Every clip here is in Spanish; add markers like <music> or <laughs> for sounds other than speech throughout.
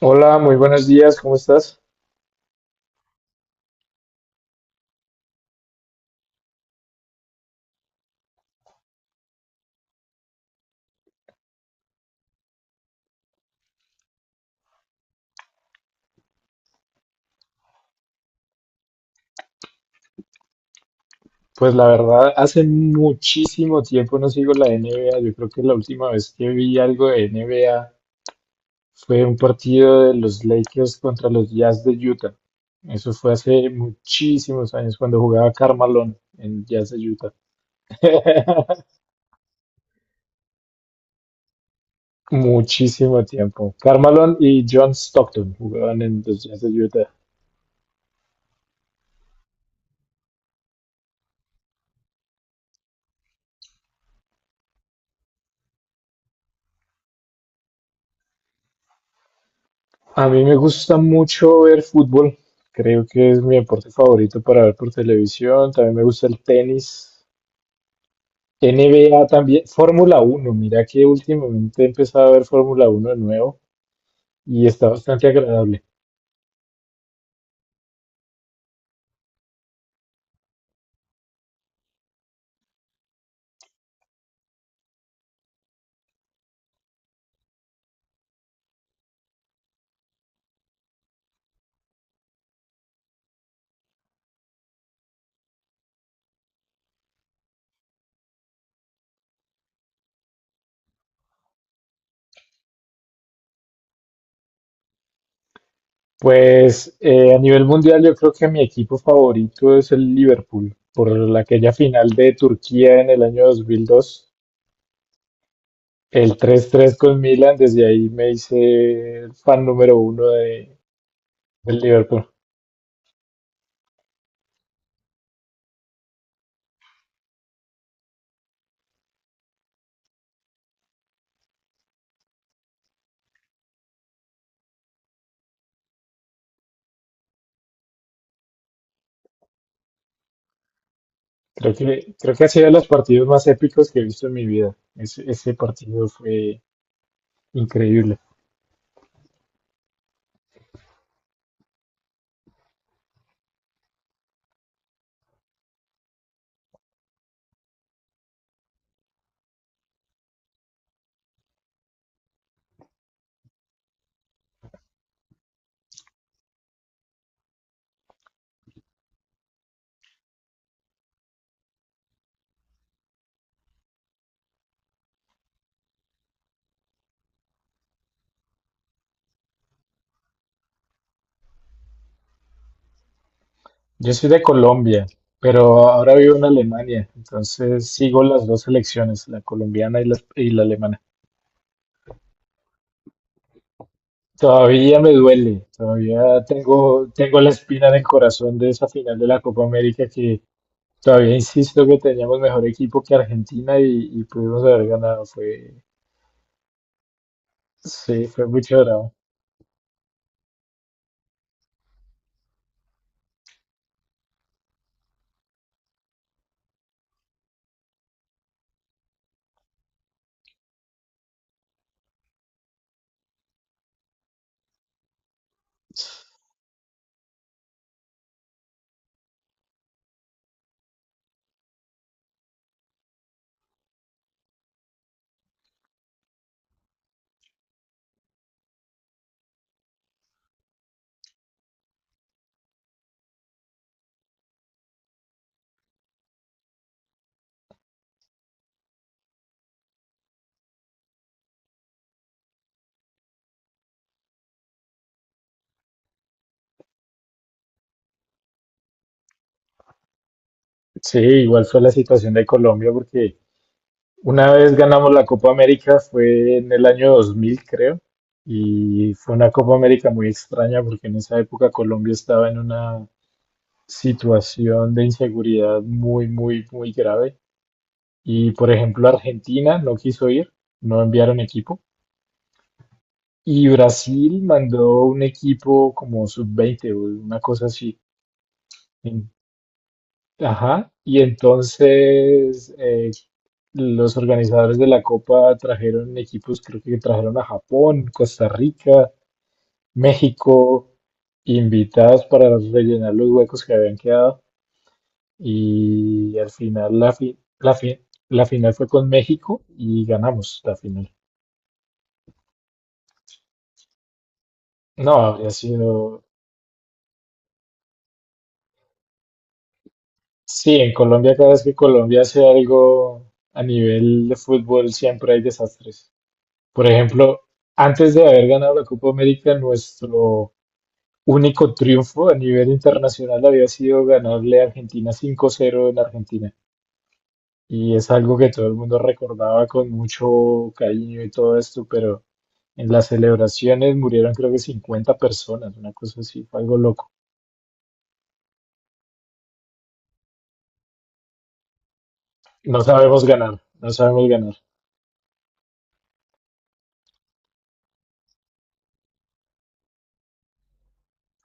Hola, muy buenos días, ¿cómo estás? Pues la verdad, hace muchísimo tiempo no sigo la NBA. Yo creo que la última vez que vi algo de NBA fue un partido de los Lakers contra los Jazz de Utah. Eso fue hace muchísimos años cuando jugaba Carmelo en Jazz de Utah. <laughs> Muchísimo tiempo. Carmelo y John Stockton jugaban en los Jazz de Utah. A mí me gusta mucho ver fútbol. Creo que es mi deporte favorito para ver por televisión. También me gusta el tenis. NBA también. Fórmula Uno. Mira que últimamente he empezado a ver Fórmula Uno de nuevo y está bastante agradable. Pues a nivel mundial yo creo que mi equipo favorito es el Liverpool. Aquella final de Turquía en el año 2002. El 3-3 con Milan. Desde ahí me hice fan número uno del Liverpool. Creo que ha sido de los partidos más épicos que he visto en mi vida. Ese partido fue increíble. Yo soy de Colombia, pero ahora vivo en Alemania, entonces sigo las dos selecciones, la colombiana y y la alemana. Todavía me duele, todavía tengo, tengo la espina en el corazón de esa final de la Copa América que todavía insisto que teníamos mejor equipo que Argentina y pudimos haber ganado. Sí, fue mucho drama. Sí, igual fue la situación de Colombia porque una vez ganamos la Copa América, fue en el año 2000, creo, y fue una Copa América muy extraña porque en esa época Colombia estaba en una situación de inseguridad muy, muy, muy grave. Y por ejemplo, Argentina no quiso ir, no enviaron equipo. Y Brasil mandó un equipo como sub-20 o una cosa así. En- Ajá. Y entonces los organizadores de la Copa trajeron equipos, creo que trajeron a Japón, Costa Rica, México, invitados para rellenar los huecos que habían quedado. Y al final la final fue con México y ganamos la final. No, habría sido... Sí, en Colombia cada vez que Colombia hace algo a nivel de fútbol siempre hay desastres. Por ejemplo, antes de haber ganado la Copa América, nuestro único triunfo a nivel internacional había sido ganarle a Argentina 5-0 en Argentina. Y es algo que todo el mundo recordaba con mucho cariño y todo esto, pero en las celebraciones murieron creo que 50 personas, una cosa así, fue algo loco. No sabemos ganar, no sabemos ganar.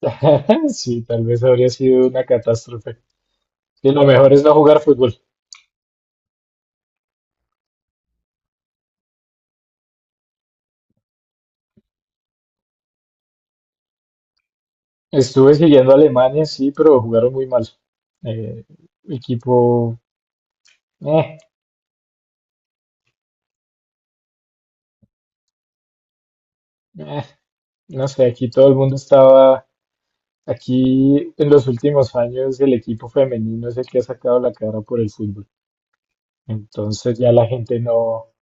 <laughs> Sí, tal vez habría sido una catástrofe. Y lo mejor es no jugar fútbol. Estuve siguiendo a Alemania, sí, pero jugaron muy mal. Eh, equipo... eh, eh. No sé, aquí todo el mundo estaba, aquí en los últimos años el equipo femenino es el que ha sacado la cara por el fútbol. Entonces ya la gente no...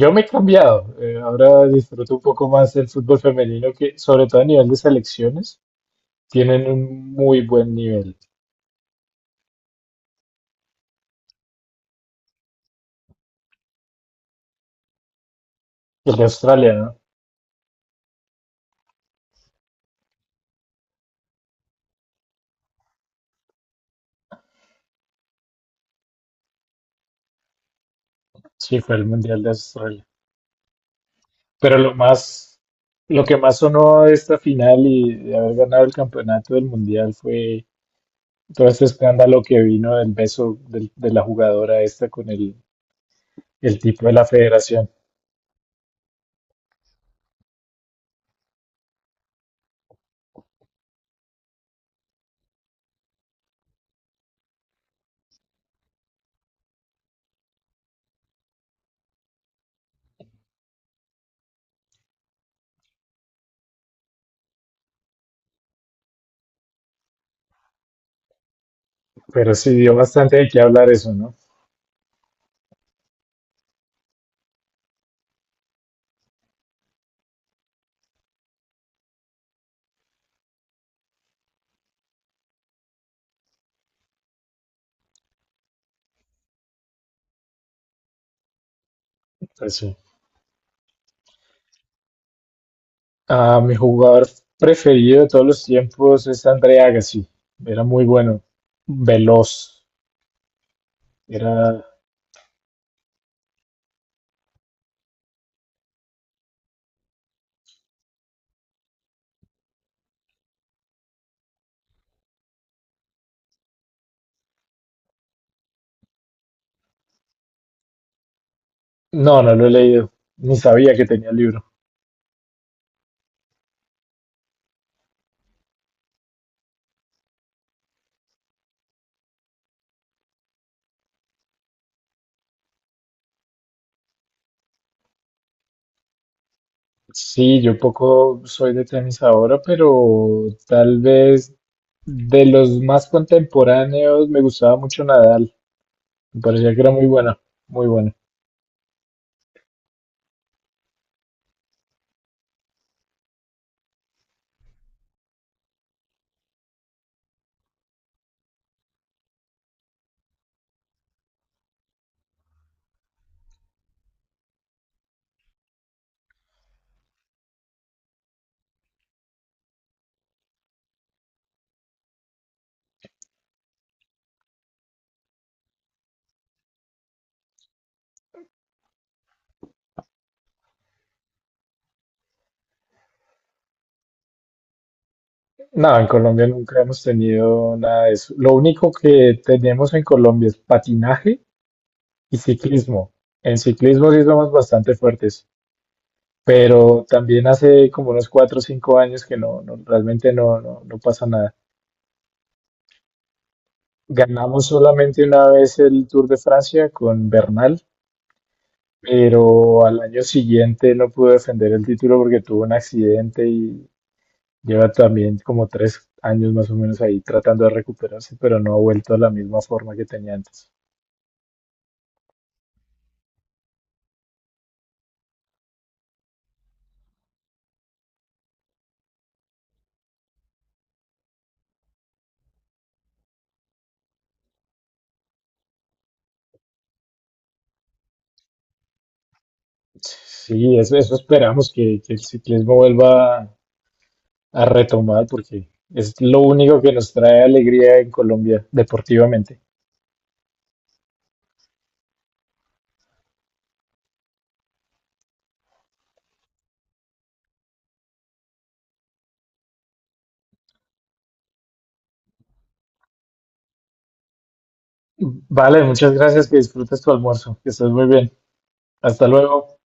Yo me he cambiado, ahora disfruto un poco más del fútbol femenino que sobre todo a nivel de selecciones tienen un muy buen nivel. ¿El de Australia, no? Sí, fue el Mundial de Australia. Pero lo que más sonó de esta final y de haber ganado el campeonato del Mundial fue todo este escándalo que vino del de la jugadora esta con el tipo de la federación. Pero sí dio bastante de qué hablar eso, ¿no? Pues sí. Ah, mi jugador preferido de todos los tiempos es André Agassi. Era muy bueno, veloz. Era... No, no lo he leído. Ni sabía que tenía el libro. Sí, yo poco soy de tenis ahora, pero tal vez de los más contemporáneos me gustaba mucho Nadal. Me parecía que era muy bueno, muy bueno. No, en Colombia nunca hemos tenido nada de eso. Lo único que tenemos en Colombia es patinaje y ciclismo. En ciclismo sí somos bastante fuertes, pero también hace como unos 4 o 5 años que realmente no, no, no pasa nada. Ganamos solamente una vez el Tour de Francia con Bernal, pero al año siguiente no pudo defender el título porque tuvo un accidente y lleva también como 3 años más o menos ahí tratando de recuperarse, pero no ha vuelto a la misma forma que tenía antes. Sí, eso esperamos que el ciclismo vuelva a retomar porque es lo único que nos trae alegría en Colombia deportivamente. Vale, muchas gracias, que disfrutes tu almuerzo, que estés muy bien. Hasta luego.